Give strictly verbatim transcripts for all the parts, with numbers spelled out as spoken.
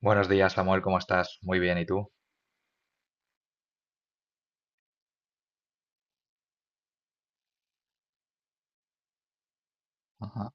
Buenos días, Samuel, ¿cómo estás? Muy bien, ¿y tú? Ajá.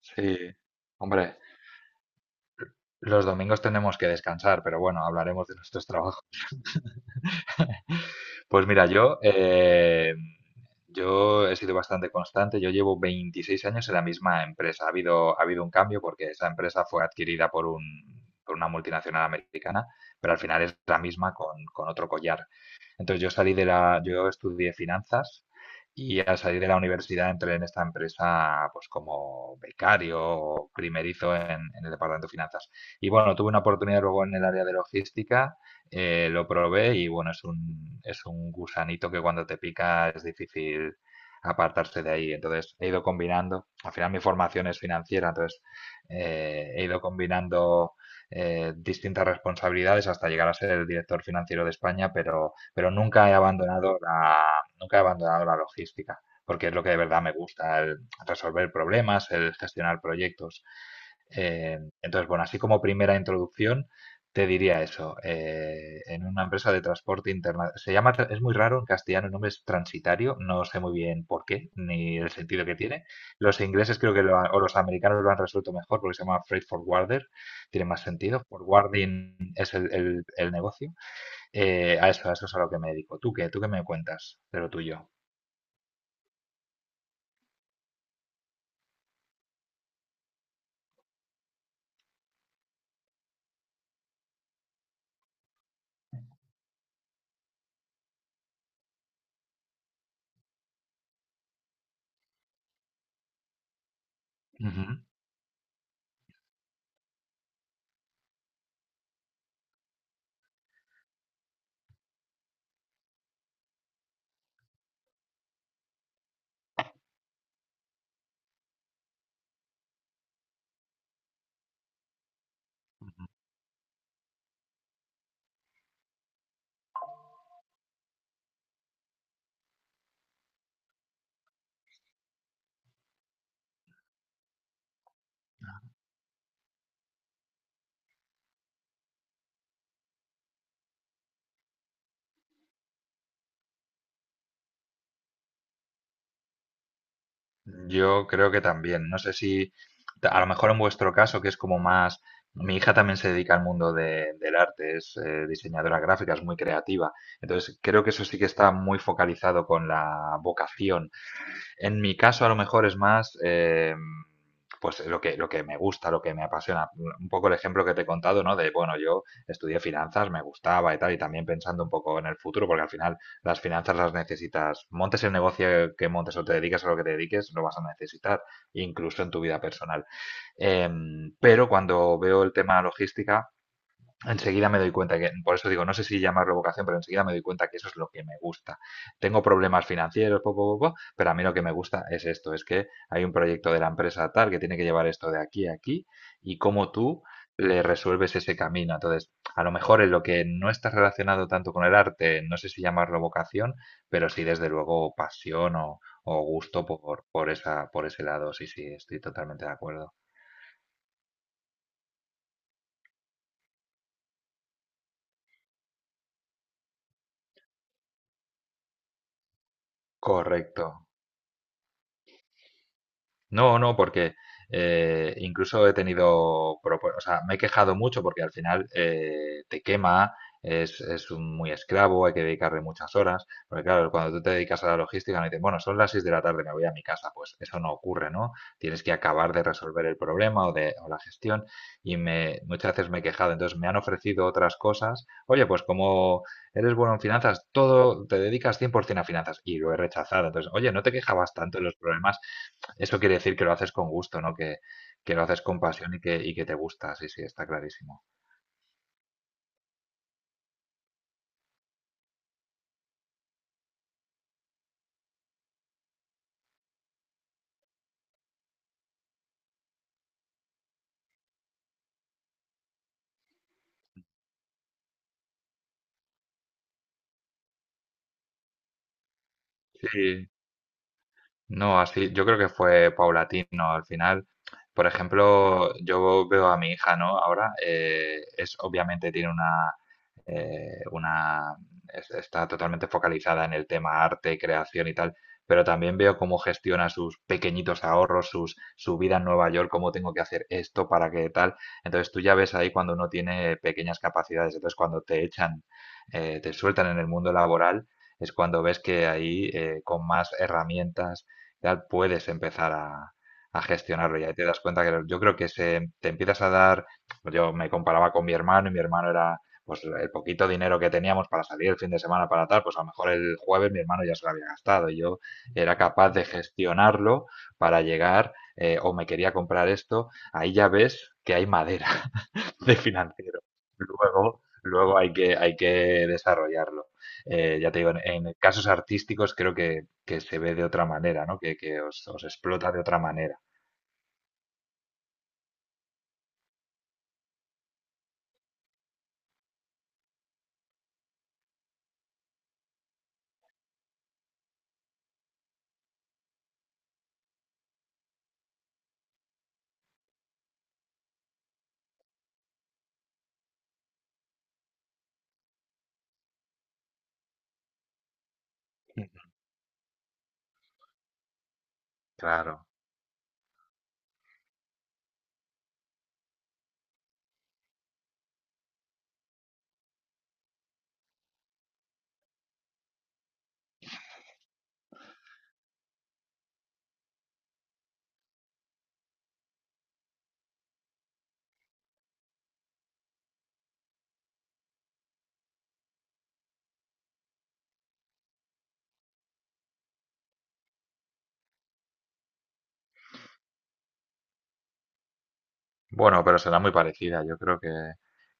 Sí, hombre, los domingos tenemos que descansar, pero bueno, hablaremos de nuestros trabajos. Pues mira, yo, eh, yo he sido bastante constante, yo llevo veintiséis años en la misma empresa. Ha habido, ha habido un cambio porque esa empresa fue adquirida por un, por una multinacional americana, pero al final es la misma con, con otro collar. Entonces yo salí de la, yo estudié finanzas y al salir de la universidad entré en esta empresa pues como becario o primerizo en, en el departamento de finanzas. Y bueno, tuve una oportunidad luego en el área de logística, eh, lo probé y bueno, es un, es un gusanito que cuando te pica es difícil apartarse de ahí. Entonces he ido combinando, al final mi formación es financiera, entonces eh, he ido combinando eh, distintas responsabilidades hasta llegar a ser el director financiero de España, pero pero nunca he abandonado la, nunca he abandonado la logística, porque es lo que de verdad me gusta, el resolver problemas, el gestionar proyectos. Eh, entonces, bueno, así como primera introducción, te diría eso. Eh, en una empresa de transporte internacional, se llama, tra- es muy raro en castellano, el nombre es transitario, no sé muy bien por qué, ni el sentido que tiene. Los ingleses creo que lo han- o los americanos lo han resuelto mejor porque se llama freight forwarder, tiene más sentido. Forwarding es el el- el negocio. Eh, a eso, a eso es a lo que me dedico. ¿Tú qué? ¿Tú qué me cuentas de lo tuyo? Ujú. Yo creo que también. No sé si, ta- A lo mejor en vuestro caso, que es como más... Mi hija también se dedica al mundo de- del arte, es eh, diseñadora gráfica, es muy creativa. Entonces, creo que eso sí que está muy focalizado con la vocación. En mi caso, a lo mejor es más. eh, pues lo que, lo que me gusta, lo que me apasiona. Un poco el ejemplo que te he contado, ¿no? De, bueno, yo estudié finanzas, me gustaba y tal, y también pensando un poco en el futuro, porque al final las finanzas las necesitas, montes el negocio que montes o te dediques a lo que te dediques, lo vas a necesitar, incluso en tu vida personal. Em, pero cuando veo el tema logística, enseguida me doy cuenta que, por eso digo, no sé si llamarlo vocación, pero enseguida me doy cuenta que eso es lo que me gusta. Tengo problemas financieros, poco, poco, pero a mí lo que me gusta es esto, es que hay un proyecto de la empresa tal que tiene que llevar esto de aquí a aquí y cómo tú le resuelves ese camino. Entonces, a lo mejor en lo que no está relacionado tanto con el arte, no sé si llamarlo vocación, pero sí desde luego pasión o, o gusto por, por esa, por ese lado. Sí, sí, estoy totalmente de acuerdo. Correcto. No, no, porque eh, incluso he tenido, propo- o sea, me he quejado mucho porque al final eh, te quema, es, es un- muy esclavo, hay que dedicarle muchas horas, porque claro, cuando tú te dedicas a la logística, no dices, bueno, son las seis de la tarde, me voy a mi casa, pues eso no ocurre, ¿no? Tienes que acabar de resolver el problema o, de, o la gestión y me, muchas veces me he quejado, entonces me han ofrecido otras cosas, oye, pues como eres bueno en finanzas, todo, te dedicas cien por ciento a finanzas y lo he rechazado, entonces, oye, no te quejabas tanto de los problemas, eso quiere decir que lo haces con gusto, ¿no? Que, que lo haces con pasión y que, y que te gusta, sí, sí, está clarísimo. Sí, no, así, yo creo que fue paulatino al final. Por ejemplo, yo veo a mi hija, ¿no? Ahora, eh, es obviamente tiene una, eh, una, es- está totalmente focalizada en el tema arte, creación y tal, pero también veo cómo gestiona sus pequeñitos ahorros, sus, su vida en Nueva York, cómo tengo que hacer esto para que tal. Entonces tú ya ves ahí cuando uno tiene pequeñas capacidades, entonces cuando te echan, eh, te sueltan en el mundo laboral, es cuando ves que ahí eh, con más herramientas ya puedes empezar a, a gestionarlo. Y ahí te das cuenta que yo creo que se, te empiezas a dar, pues yo me comparaba con mi hermano y mi hermano era pues el poquito dinero que teníamos para salir el fin de semana para tal, pues a lo mejor el jueves mi hermano ya se lo había gastado y yo era capaz de gestionarlo para llegar eh, o me quería comprar esto, ahí ya ves que hay madera, de financiero. Luego, luego hay que, hay que desarrollarlo. Eh, ya te digo, en, en casos artísticos creo que, que se ve de otra manera, ¿no? Que, que os, os explota de otra manera. Claro. Bueno, pero será muy parecida. Yo creo que,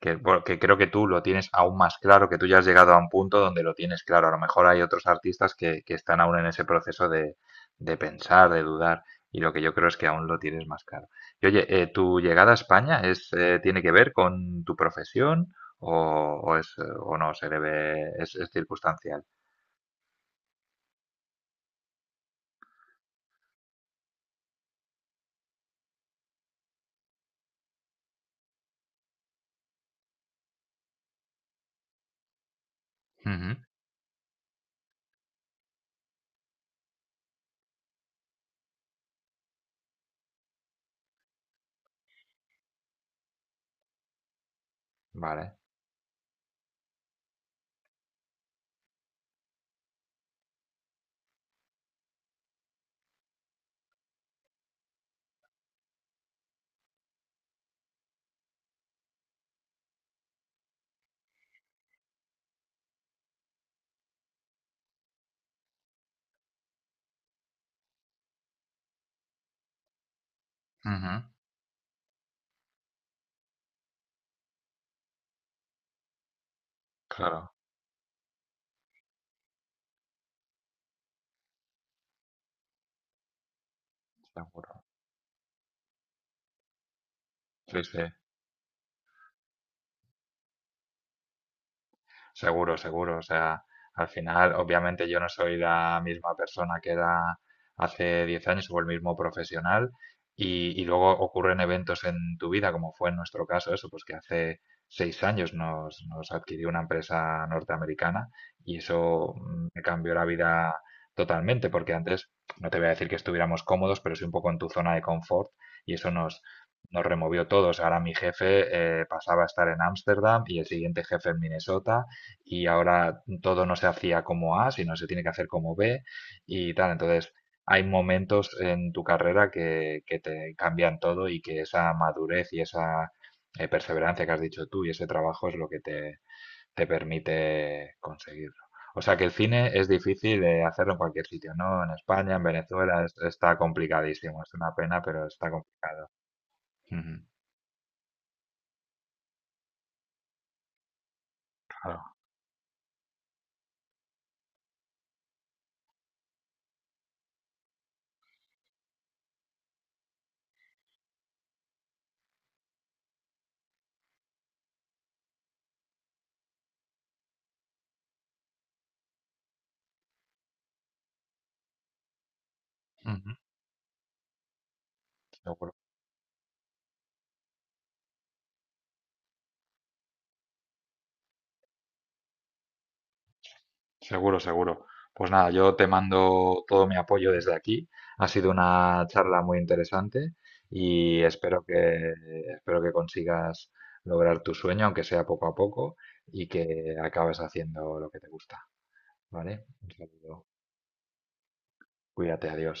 que, bueno, que creo que tú lo tienes aún más claro, que tú ya has llegado a un punto donde lo tienes claro. A lo mejor hay otros artistas que, que están aún en ese proceso de, de pensar, de dudar, y lo que yo creo es que aún lo tienes más claro. Y oye, eh, ¿tu llegada a España es, eh, tiene que ver con tu profesión o, o es, eh, o no se debe, es, es circunstancial? Ujú, vale. Ujú, claro, seguro. Sí, sí. Seguro, seguro. O sea, al final, obviamente yo no soy la misma persona que era hace diez años o el mismo profesional y, y luego ocurren eventos en tu vida, como fue en nuestro caso, eso, pues que hace seis años nos, nos adquirió una empresa norteamericana y eso mm, me cambió la vida totalmente, porque antes no te voy a decir que estuviéramos cómodos, pero sí un poco en tu zona de confort y eso nos, nos removió todos. Ahora mi jefe eh, pasaba a estar en Ámsterdam y el siguiente jefe en Minnesota y ahora todo no se hacía como A, sino se tiene que hacer como B y tal. Entonces, hay momentos en tu carrera que, que te cambian todo y que esa madurez y esa eh, perseverancia que has dicho tú y ese trabajo es lo que te, te permite conseguirlo. O sea que el cine es difícil de hacerlo en cualquier sitio, ¿no? En España, en Venezuela, es- está complicadísimo. Es una pena, pero está complicado. Ujú, claro. Ujú, seguro. Seguro, seguro. Pues nada, yo te mando todo mi apoyo desde aquí. Ha sido una charla muy interesante y espero que, espero que consigas lograr tu sueño, aunque sea poco a poco, y que acabes haciendo lo que te gusta, ¿vale? Un saludo. Cuídate, adiós.